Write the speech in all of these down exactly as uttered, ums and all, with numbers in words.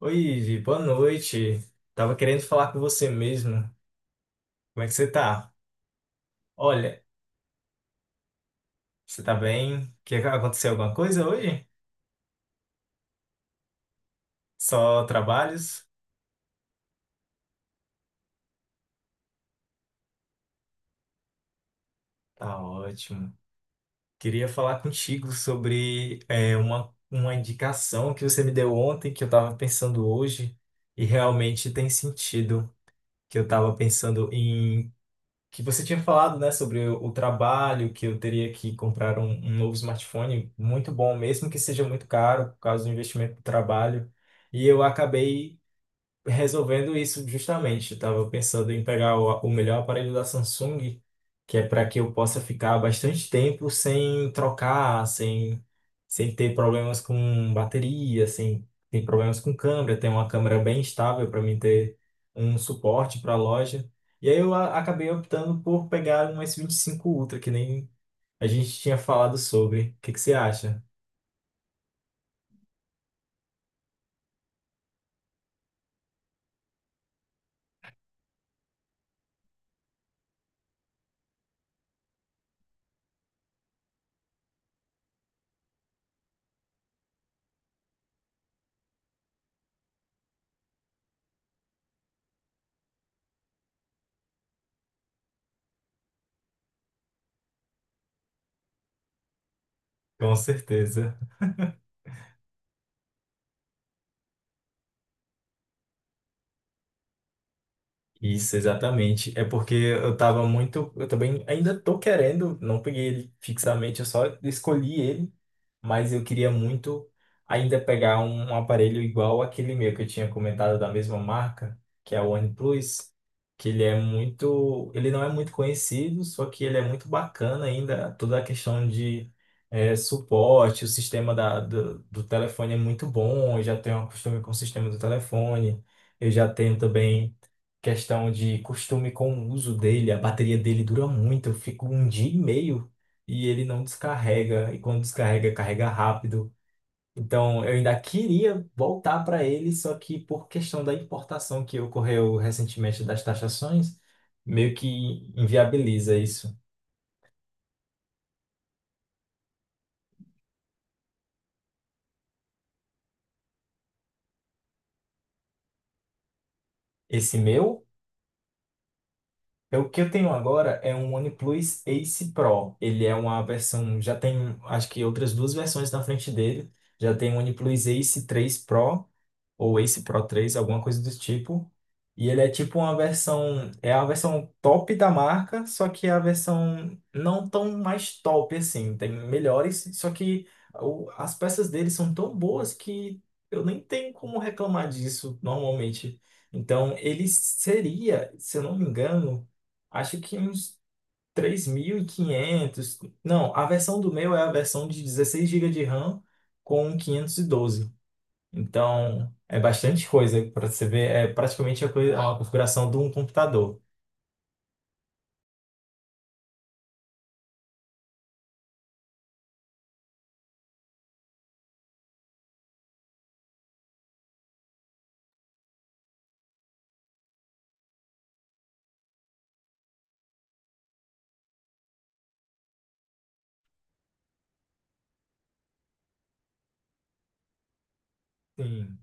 Oi, Ivi, boa noite. Tava querendo falar com você mesmo. Como é que você tá? Olha, você tá bem? Que aconteceu alguma coisa hoje? Só trabalhos? Tá ótimo. Queria falar contigo sobre é, uma, uma indicação que você me deu ontem, que eu tava pensando hoje, e realmente tem sentido. Que eu tava pensando em que você tinha falado, né, sobre o, o trabalho, que eu teria que comprar um, um novo smartphone muito bom, mesmo que seja muito caro, por causa do investimento do trabalho. E eu acabei resolvendo isso justamente. Eu estava pensando em pegar o, o melhor aparelho da Samsung, que é para que eu possa ficar bastante tempo sem trocar, sem, sem ter problemas com bateria, sem ter problemas com câmera, ter uma câmera bem estável para mim ter um suporte para a loja. E aí eu a- acabei optando por pegar um s vinte e cinco Ultra, que nem a gente tinha falado sobre. O que que você acha? Com certeza. Isso, exatamente. É porque eu tava muito. Eu também ainda tô querendo, não peguei ele fixamente, eu só escolhi ele, mas eu queria muito ainda pegar um, um aparelho igual aquele meu que eu tinha comentado da mesma marca, que é o OnePlus, que ele é muito, ele não é muito conhecido, só que ele é muito bacana ainda, toda a questão de eh, suporte, o sistema da, do, do telefone é muito bom, eu já tenho um costume com o sistema do telefone, eu já tenho também questão de costume com o uso dele, a bateria dele dura muito, eu fico um dia e meio e ele não descarrega, e quando descarrega, carrega rápido. Então, eu ainda queria voltar para ele, só que por questão da importação que ocorreu recentemente das taxações, meio que inviabiliza isso. Esse meu, é o que eu tenho agora é um OnePlus Ace Pro. Ele é uma versão, já tem, acho que outras duas versões na frente dele. Já tem o OnePlus Ace três Pro ou Ace Pro três, alguma coisa do tipo. E ele é tipo uma versão, é a versão top da marca, só que é a versão não tão mais top assim, tem melhores, só que o- as peças dele são tão boas que eu nem tenho como reclamar disso normalmente. Então ele seria, se eu não me engano, acho que uns três mil e quinhentos. Não, a versão do meu é a versão de dezesseis gigas de RAM com quinhentos e doze, então, é bastante coisa para você ver. É praticamente a, coisa, a configuração de um computador. Sim.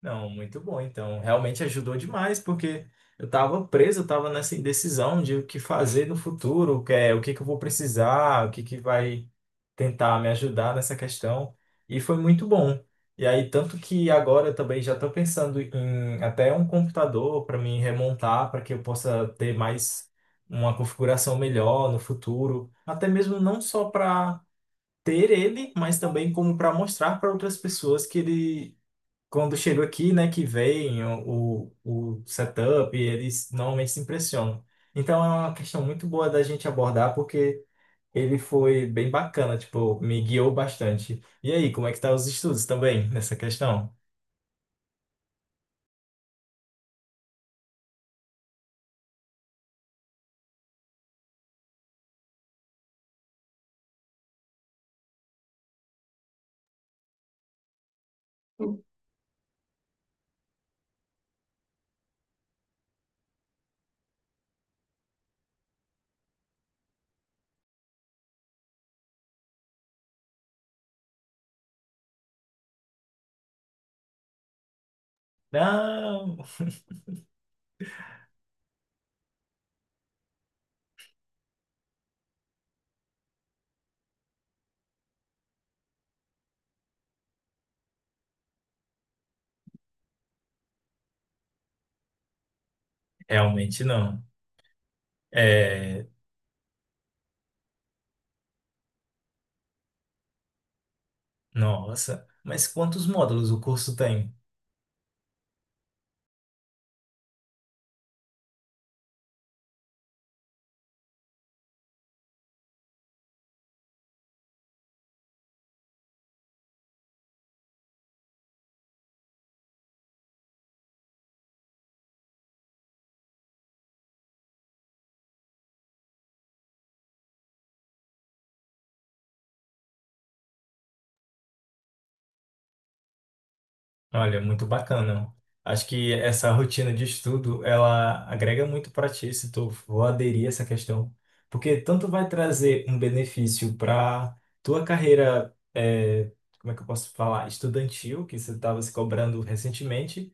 Não, muito bom. Então, realmente ajudou demais, porque eu estava preso, eu estava nessa indecisão de o que fazer no futuro, o que é, o que que eu vou precisar, o que que vai tentar me ajudar nessa questão. E foi muito bom. E aí, tanto que agora eu também já estou pensando em até um computador para me remontar, para que eu possa ter mais uma configuração melhor no futuro. Até mesmo não só para ter ele, mas também como para mostrar para outras pessoas que ele, quando chega aqui, né, que vem o, o, o setup, eles normalmente se impressionam. Então é uma questão muito boa da gente abordar, porque ele foi bem bacana, tipo, me guiou bastante. E aí, como é que tá os estudos também nessa questão? Não, realmente não. É, nossa, mas quantos módulos o curso tem? Olha, muito bacana. Acho que essa rotina de estudo, ela agrega muito para ti, se tu for aderir a essa questão, porque tanto vai trazer um benefício para tua carreira, eh, como é que eu posso falar, estudantil, que você estava se cobrando recentemente,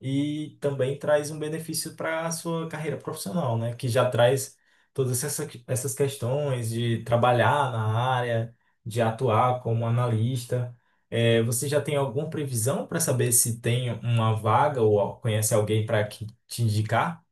e também traz um benefício para a sua carreira profissional, né? Que já traz todas essa- essas questões de trabalhar na área, de atuar como analista. É, você já tem alguma previsão para saber se tem uma vaga ou conhece alguém para que te indicar?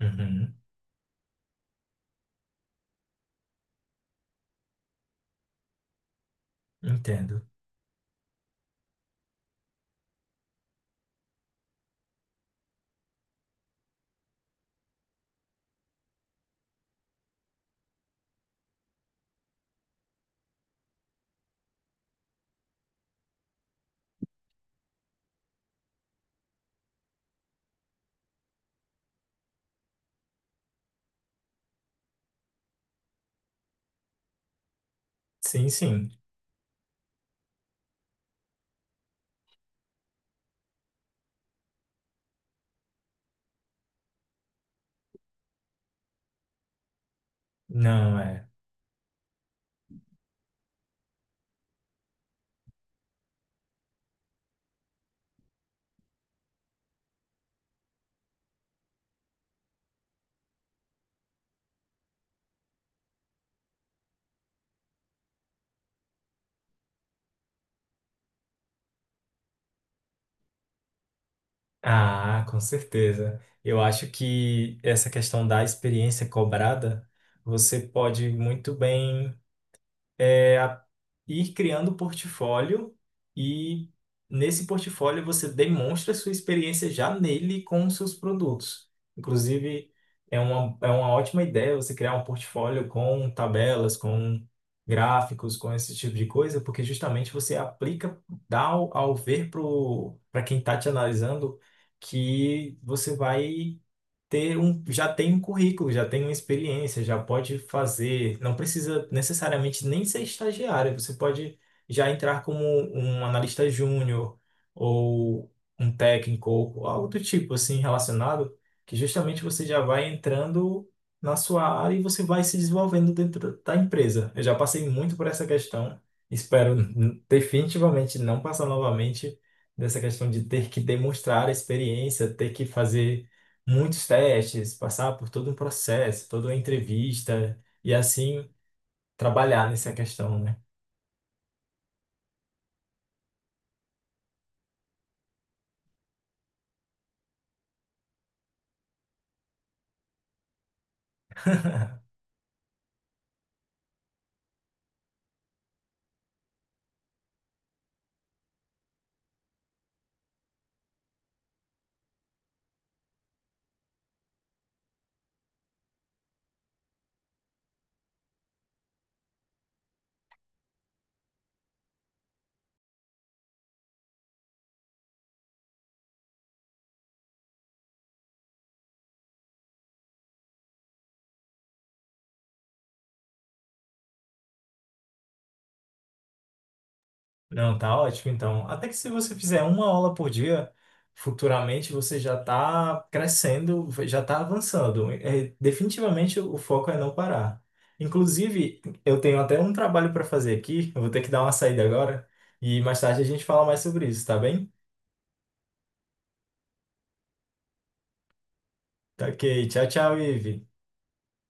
Uhum, entendo. Sim, sim. Não é. Ah, com certeza. Eu acho que essa questão da experiência cobrada, você pode muito bem é a- ir criando portfólio, e nesse portfólio você demonstra a sua experiência já nele com os seus produtos. Inclusive, é uma, é uma ótima ideia você criar um portfólio com tabelas, com gráficos, com esse tipo de coisa, porque justamente você aplica, dá ao, ao ver para quem está te analisando que você vai ter um, já tem um currículo, já tem uma experiência, já pode fazer, não precisa necessariamente nem ser estagiário, você pode já entrar como um analista júnior ou um técnico ou algo do tipo assim relacionado, que justamente você já vai entrando na sua área e você vai se desenvolvendo dentro da empresa. Eu já passei muito por essa questão, espero n- definitivamente não passar novamente dessa questão de ter que demonstrar a experiência, ter que fazer muitos testes, passar por todo um processo, toda uma entrevista e assim trabalhar nessa questão, né? Não, tá ótimo, então. Até que se você fizer uma aula por dia, futuramente você já está crescendo, já está avançando. É, definitivamente o foco é não parar. Inclusive, eu tenho até um trabalho para fazer aqui, eu vou ter que dar uma saída agora, e mais tarde a gente fala mais sobre isso, tá bem? Tá ok, tchau, tchau, Ive.